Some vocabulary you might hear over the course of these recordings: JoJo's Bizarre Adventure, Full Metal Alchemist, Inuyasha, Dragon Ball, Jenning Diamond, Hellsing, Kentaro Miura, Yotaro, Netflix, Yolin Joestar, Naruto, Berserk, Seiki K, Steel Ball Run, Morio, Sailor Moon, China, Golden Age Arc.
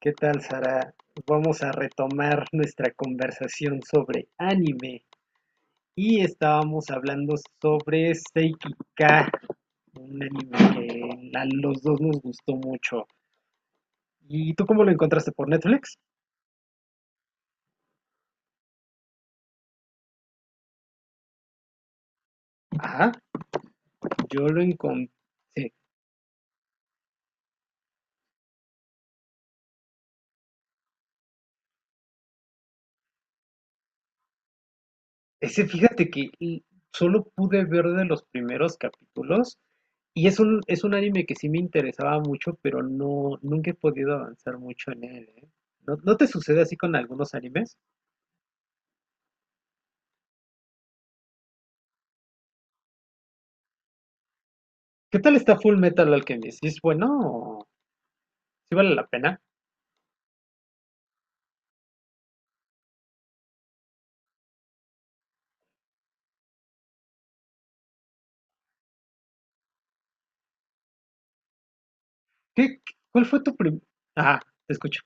¿Qué tal, Sara? Vamos a retomar nuestra conversación sobre anime. Y estábamos hablando sobre Seiki K, un anime que a los dos nos gustó mucho. ¿Y tú cómo lo encontraste por Netflix? Ajá, yo lo encontré. Ese fíjate que y solo pude ver de los primeros capítulos y es un anime que sí me interesaba mucho, pero no, nunca he podido avanzar mucho en él, ¿eh? ¿No, no te sucede así con algunos animes? ¿Qué tal está Full Metal Alchemist? ¿Es bueno? ¿Sí vale la pena? ¿Qué, cuál fue tu primer...? Ah, te escucho.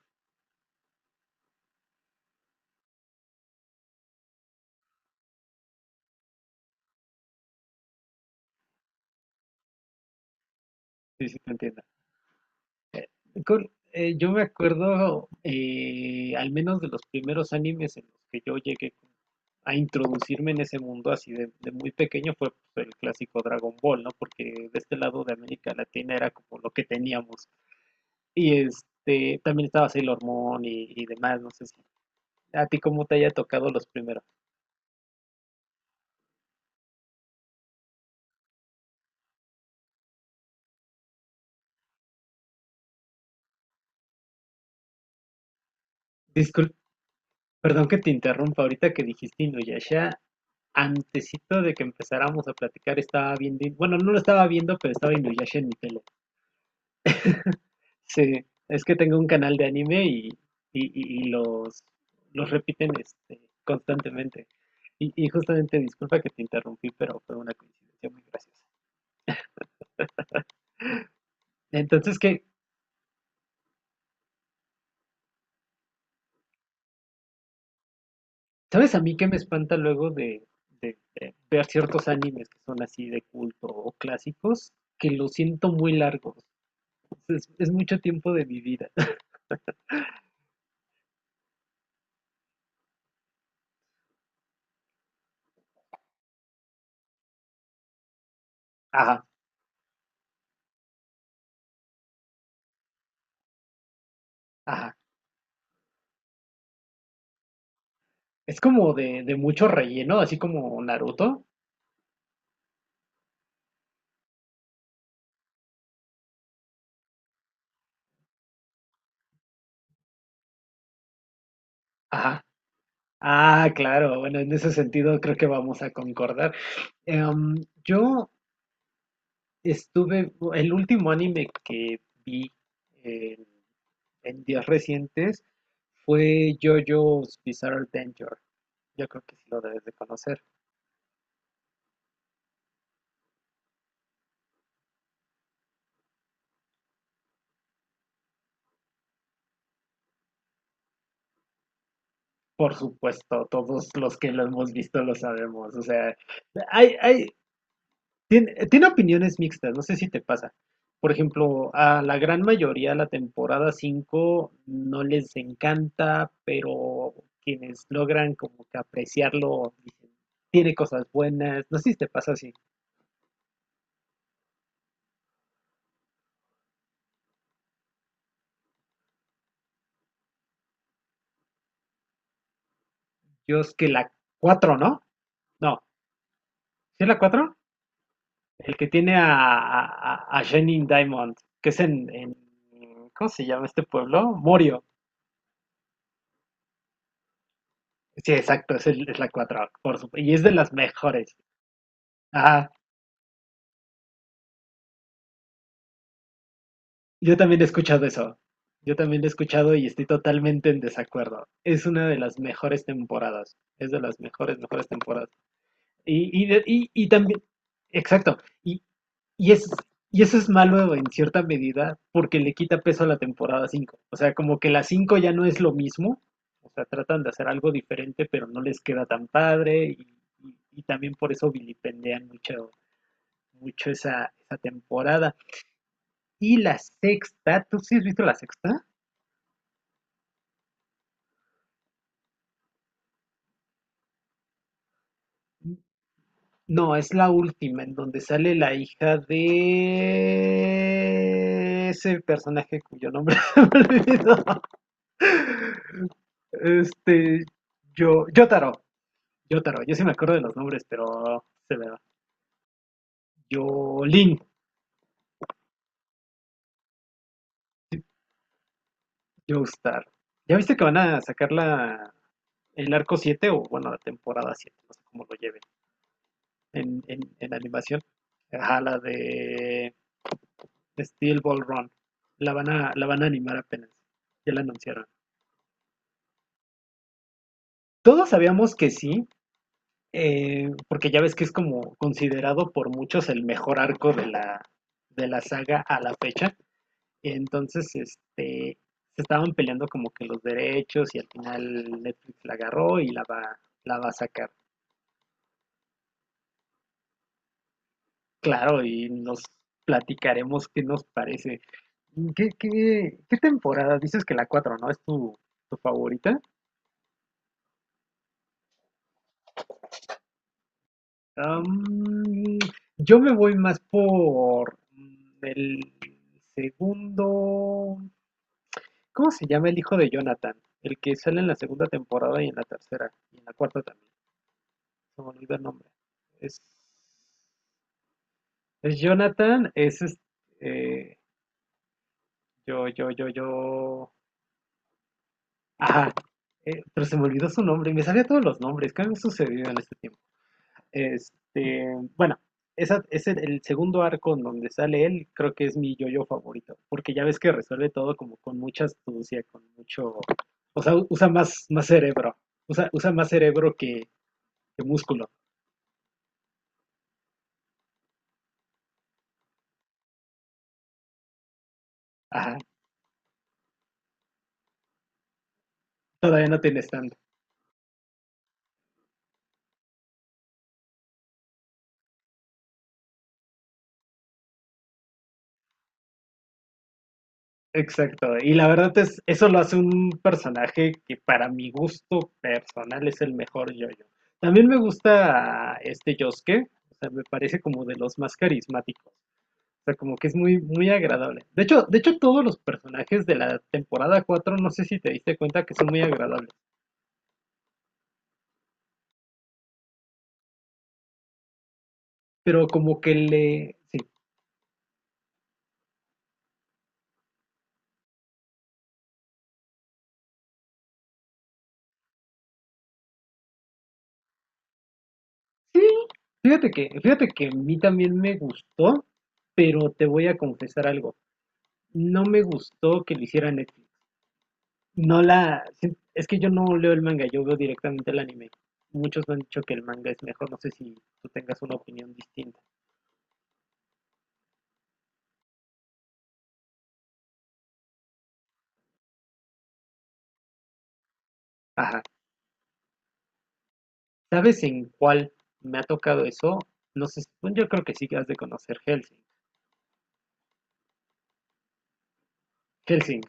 Sí, sí, te entiendo. Yo me acuerdo, al menos de los primeros animes en los que yo llegué a introducirme en ese mundo así de muy pequeño fue pues, el clásico Dragon Ball, ¿no? Porque de este lado de América Latina era como lo que teníamos. Y este, también estaba Sailor Moon y demás, no sé si a ti cómo te haya tocado los primeros. Perdón que te interrumpa, ahorita que dijiste Inuyasha, antesito de que empezáramos a platicar estaba viendo, bueno, no lo estaba viendo, pero estaba Inuyasha en mi tele. Sí, es que tengo un canal de anime y los repiten constantemente. Y justamente, disculpa que te interrumpí, pero fue una coincidencia muy graciosa. Entonces, ¿qué? ¿Sabes a mí qué me espanta luego de ver ciertos animes que son así de culto o clásicos? Que los siento muy largos. Es mucho tiempo de mi vida. Ajá, ajá. Es como de mucho relleno, así como Naruto. Ajá. Ah, claro. Bueno, en ese sentido creo que vamos a concordar. Em, yo estuve, el último anime que vi en, en días recientes fue JoJo's Bizarre Adventure. Yo creo que sí lo debes de conocer. Por supuesto, todos los que lo hemos visto lo sabemos. O sea, hay, tiene opiniones mixtas, no sé si te pasa. Por ejemplo, a la gran mayoría la temporada 5 no les encanta, pero quienes logran como que apreciarlo dicen, tiene cosas buenas. No sé si te pasa así. Yo es que la cuatro. No, no, ¿sí es la cuatro? El que tiene a, Jenning Diamond, que es en ¿cómo se llama este pueblo? Morio. Sí, exacto, es, es la 4 por supuesto. Y es de las mejores. Yo también he escuchado eso. Yo también lo he escuchado y estoy totalmente en desacuerdo. Es una de las mejores temporadas. Es de las mejores, mejores temporadas. Y también, exacto. Y, y, es, y eso es malo en cierta medida porque le quita peso a la temporada 5. O sea, como que la 5 ya no es lo mismo. O sea, tratan de hacer algo diferente, pero no les queda tan padre. Y también por eso vilipendean mucho, mucho esa temporada. Y la sexta, ¿tú sí has visto la sexta? No, es la última, en donde sale la hija de ese personaje cuyo nombre se me olvidó. Este, yo, Yotaro, yo sí me acuerdo de los nombres, pero se me va. Yolin, Joestar. ¿Ya viste que van a sacar la, el arco 7 o, bueno, la temporada siete? No sé cómo lo lleven en animación. Ajá, la de Steel Ball Run. La van a animar apenas. Ya la anunciaron. Todos sabíamos que sí, porque ya ves que es como considerado por muchos el mejor arco de la saga a la fecha. Entonces, se estaban peleando como que los derechos y al final Netflix la agarró y la va a sacar. Claro, y nos platicaremos qué nos parece. ¿Qué, qué, qué temporada? Dices que la cuatro, ¿no? ¿Es tu, tu favorita? Am, yo me voy más por el segundo. ¿Cómo se llama el hijo de Jonathan? El que sale en la segunda temporada y en la tercera y en la cuarta también. Se me olvidó el nombre. Es, es Jonathan, eh, yo. Ajá. Pero se me olvidó su nombre. Me sabía todos los nombres. ¿Qué me ha sucedido en este tiempo? Este, bueno, el segundo arco en donde sale él, creo que es mi yo-yo favorito, porque ya ves que resuelve todo como con mucha astucia, con mucho, o sea, usa más cerebro, usa más cerebro que músculo. Ajá, todavía no tienes tanto. Exacto, y la verdad es, eso lo hace un personaje que para mi gusto personal es el mejor yo-yo. También me gusta este Yosuke, o sea, me parece como de los más carismáticos. O sea, como que es muy, muy agradable. De hecho, todos los personajes de la temporada 4 no sé si te diste cuenta que son muy agradables. Pero como que le. Sí. Sí. Fíjate que a mí también me gustó, pero te voy a confesar algo. No me gustó que lo hiciera Netflix. No la. Sí, es que yo no leo el manga, yo veo directamente el anime. Muchos me han dicho que el manga es mejor, no sé si tú tengas una opinión distinta. Ajá. ¿Sabes en cuál me ha tocado eso? No sé, bueno, yo creo que sí que has de conocer Hellsing. Hellsing,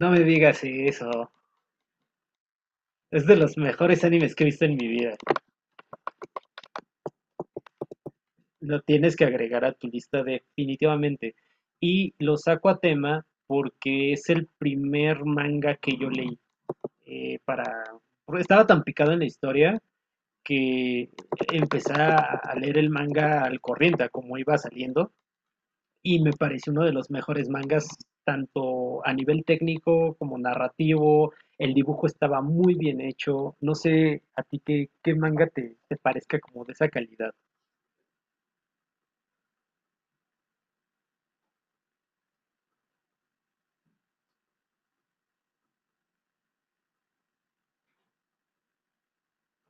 no me digas eso. Es de los mejores animes que he visto en mi vida. Lo tienes que agregar a tu lista definitivamente. Y lo saco a tema porque es el primer manga que yo leí. eh, para... porque estaba tan picado en la historia que empecé a leer el manga al corriente, a como iba saliendo. Y me parece uno de los mejores mangas, tanto a nivel técnico como narrativo. El dibujo estaba muy bien hecho. No sé a ti qué, qué manga te, te parezca como de esa calidad.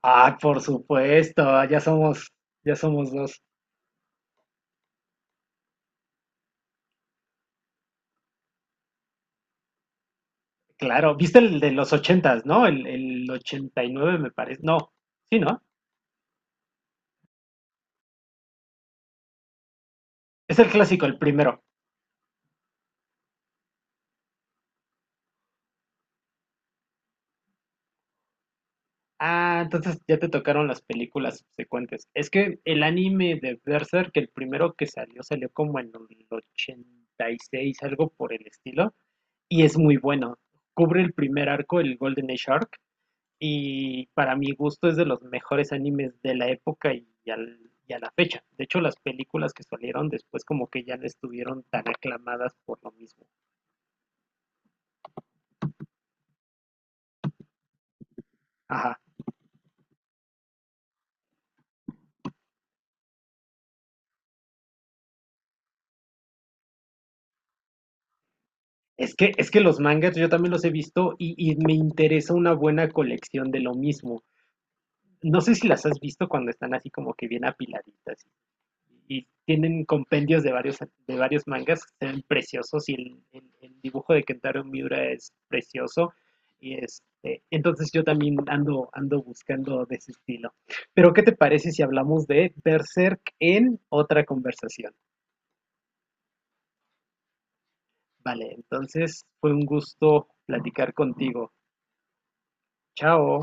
Ah, por supuesto, ya somos dos. Claro, viste el de los ochentas, ¿no? El 89 me parece. No, sí, ¿no? Es el clásico, el primero. Ah, entonces ya te tocaron las películas subsecuentes. Es que el anime de Berserk, el primero que salió, salió como en el 86, algo por el estilo, y es muy bueno. Cubre el primer arco, el Golden Age Arc, y para mi gusto es de los mejores animes de la época y, y a la fecha. De hecho, las películas que salieron después como que ya no estuvieron tan aclamadas por lo mismo. Ajá. Es que los mangas yo también los he visto y me interesa una buena colección de lo mismo. No sé si las has visto cuando están así como que bien apiladitas y tienen compendios de varios mangas que se ven preciosos y el dibujo de Kentaro Miura es precioso. Y entonces yo también ando buscando de ese estilo. Pero ¿qué te parece si hablamos de Berserk en otra conversación? Vale, entonces fue un gusto platicar contigo. Chao.